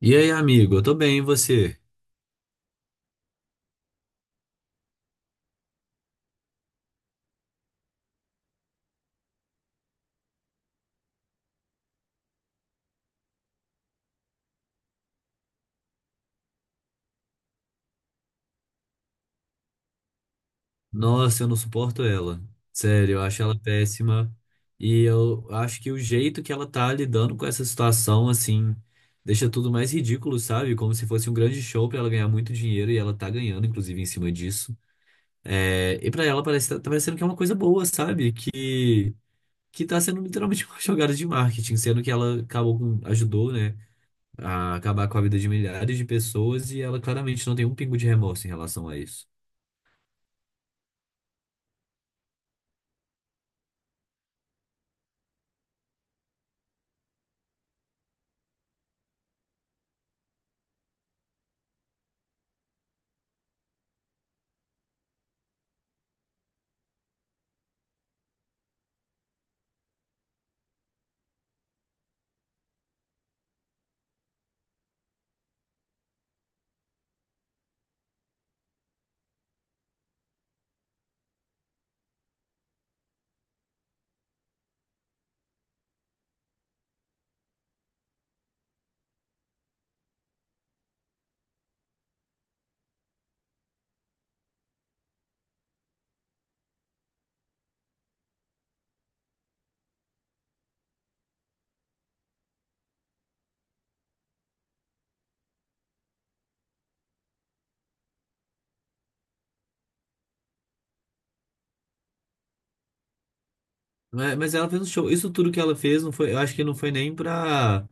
E aí, amigo, eu tô bem, e você? Nossa, eu não suporto ela. Sério, eu acho ela péssima. E eu acho que o jeito que ela tá lidando com essa situação, assim, deixa tudo mais ridículo, sabe? Como se fosse um grande show pra ela ganhar muito dinheiro e ela tá ganhando, inclusive, em cima disso. É, e pra ela parece, tá parecendo que é uma coisa boa, sabe? Que tá sendo literalmente uma jogada de marketing, sendo que ela acabou com, ajudou, né, a acabar com a vida de milhares de pessoas e ela claramente não tem um pingo de remorso em relação a isso. Mas ela fez um show. Isso tudo que ela fez, não foi, eu acho que não foi nem pra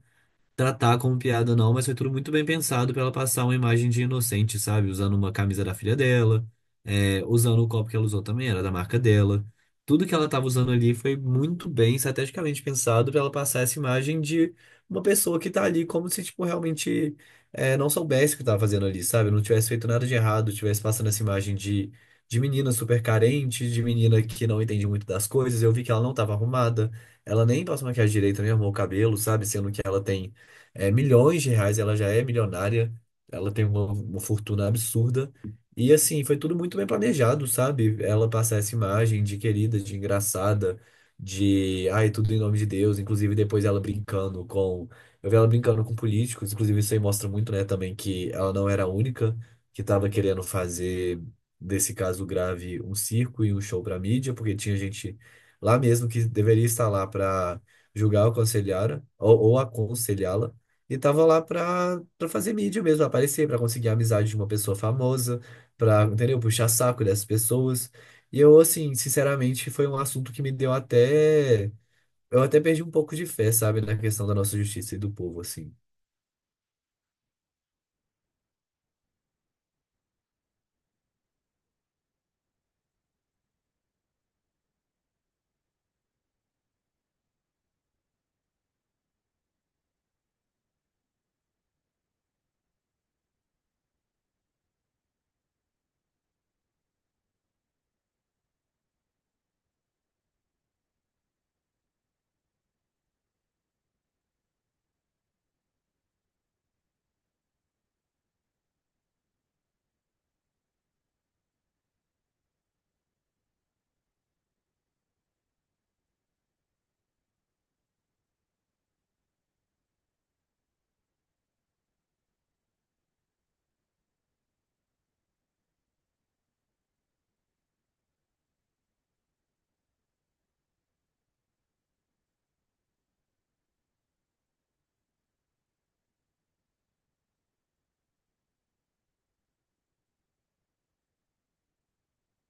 tratar como piada, não, mas foi tudo muito bem pensado pra ela passar uma imagem de inocente, sabe? Usando uma camisa da filha dela, usando o copo que ela usou também, era da marca dela. Tudo que ela tava usando ali foi muito bem estrategicamente pensado pra ela passar essa imagem de uma pessoa que tá ali como se, tipo, realmente não soubesse o que tava fazendo ali, sabe? Não tivesse feito nada de errado, tivesse passando essa imagem de menina super carente, de menina que não entende muito das coisas. Eu vi que ela não tava arrumada, ela nem passou maquiagem direito, nem arrumou o cabelo, sabe? Sendo que ela tem milhões de reais, ela já é milionária, ela tem uma fortuna absurda. E assim, foi tudo muito bem planejado, sabe? Ela passar essa imagem de querida, de engraçada, de ai, tudo em nome de Deus, inclusive depois ela brincando com. Eu vi ela brincando com políticos, inclusive isso aí mostra muito, né, também que ela não era a única que estava querendo fazer desse caso grave um circo e um show para mídia, porque tinha gente lá mesmo que deveria estar lá para julgar ou aconselhar ou aconselhá-la e tava lá pra fazer mídia mesmo, aparecer, pra conseguir a amizade de uma pessoa famosa, pra, entendeu? Puxar saco dessas pessoas. E eu, assim, sinceramente, foi um assunto que me deu até. Eu até perdi um pouco de fé, sabe, na questão da nossa justiça e do povo, assim.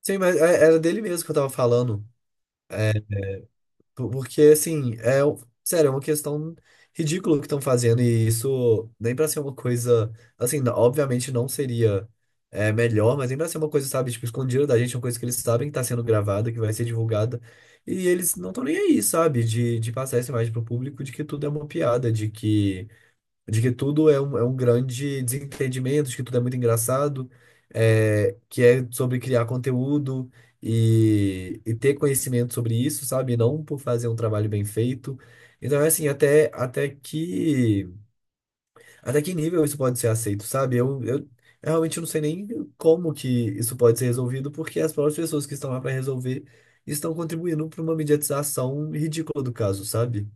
Sim, mas é- era dele mesmo que eu tava falando. Porque, assim, é, o- sério, é uma questão ridícula que estão fazendo, e isso nem pra ser uma coisa, assim, n- obviamente não seria melhor, mas nem pra ser uma coisa, sabe, tipo, escondida da gente, uma coisa que eles sabem que tá sendo gravada, que vai ser divulgada, e eles não estão nem aí, sabe, de passar essa imagem pro público de que tudo é uma piada, de que tudo é um grande desentendimento, de que tudo é muito engraçado, é, que é sobre criar conteúdo e ter conhecimento sobre isso, sabe? Não por fazer um trabalho bem feito. Então, é assim, até que nível isso pode ser aceito, sabe? Eu realmente não sei nem como que isso pode ser resolvido, porque as próprias pessoas que estão lá para resolver estão contribuindo para uma mediatização ridícula do caso, sabe?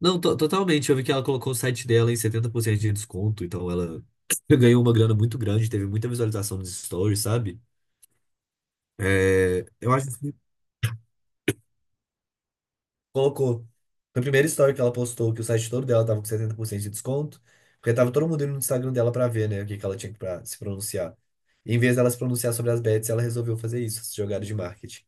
Não, to- totalmente. Eu vi que ela colocou o site dela em 70% de desconto, então ela ganhou uma grana muito grande, teve muita visualização nos stories, sabe? É, eu acho que colocou. Foi a primeira story que ela postou que o site todo dela tava com 70% de desconto, porque tava todo mundo indo no Instagram dela pra ver, né, o que que ela tinha pra se pronunciar. E em vez dela se pronunciar sobre as bets, ela resolveu fazer isso, essa jogada de marketing.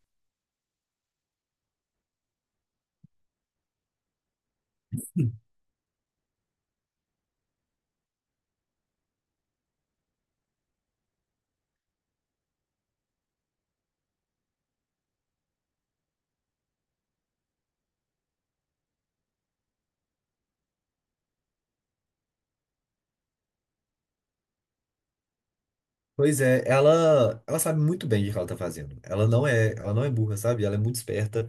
Pois é, ela sabe muito bem o que ela tá fazendo. Ela não é burra, sabe? Ela é muito esperta.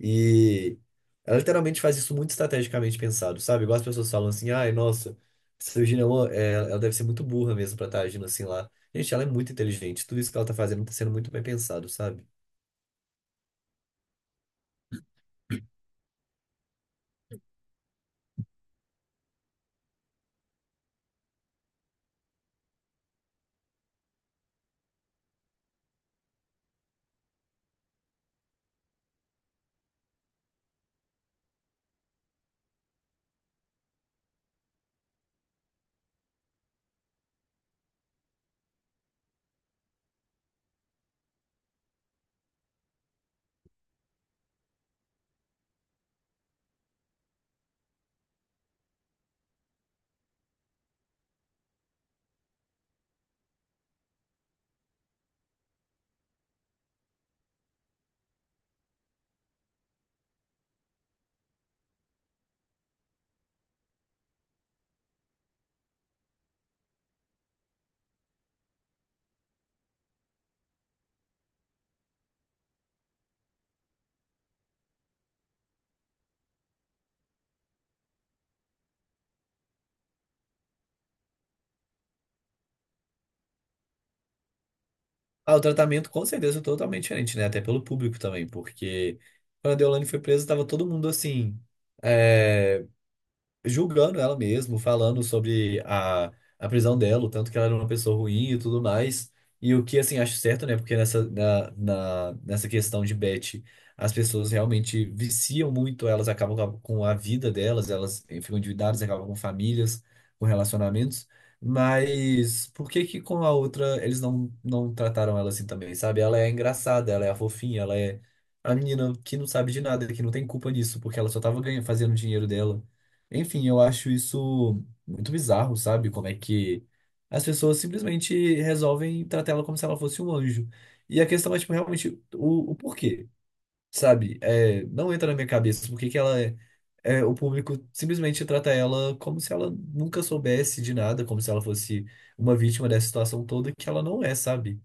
E ela literalmente faz isso muito estrategicamente pensado, sabe? Igual as pessoas falam assim, ai, nossa, essa Virginia, Woolf, é, ela deve ser muito burra mesmo pra estar agindo assim lá. Gente, ela é muito inteligente, tudo isso que ela tá fazendo tá sendo muito bem pensado, sabe? Ah, o tratamento com certeza é totalmente diferente, né? Até pelo público também, porque quando a Deolane foi presa, tava todo mundo assim. É, julgando ela mesmo, falando sobre a prisão dela, o tanto que ela era uma pessoa ruim e tudo mais. E o que, assim, acho certo, né? Porque nessa, nessa questão de Beth, as pessoas realmente viciam muito, elas acabam com a vida delas, elas eh, ficam endividadas, acabam com famílias, com relacionamentos. Mas por que que com a outra eles não trataram ela assim também, sabe? Ela é engraçada, ela é a fofinha, ela é a menina que não sabe de nada, que não tem culpa nisso, porque ela só tava ganhando, fazendo dinheiro dela. Enfim, eu acho isso muito bizarro, sabe? Como é que as pessoas simplesmente resolvem tratar ela como se ela fosse um anjo. E a questão é, tipo, realmente o porquê, sabe? É, não entra na minha cabeça por que que ela é, é, o público simplesmente trata ela como se ela nunca soubesse de nada, como se ela fosse uma vítima dessa situação toda que ela não é, sabe?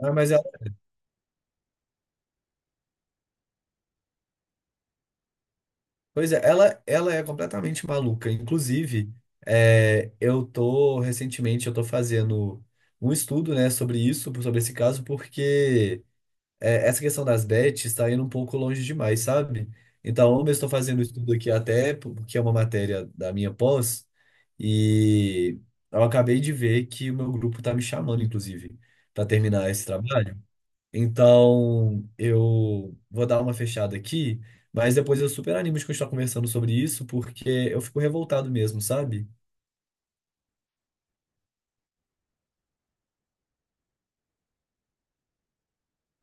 Ah, mas pois é, ela é completamente maluca. Inclusive, é, eu tô fazendo um estudo, né, sobre isso, sobre esse caso, porque é, essa questão das bets está indo um pouco longe demais, sabe? Então, eu estou fazendo um estudo aqui até porque é uma matéria da minha pós e eu acabei de ver que o meu grupo está me chamando, inclusive, para terminar esse trabalho. Então, eu vou dar uma fechada aqui, mas depois eu super animo de continuar conversando sobre isso, porque eu fico revoltado mesmo, sabe?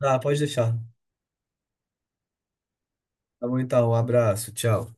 Ah, pode deixar. Tá bom, então, um abraço, tchau.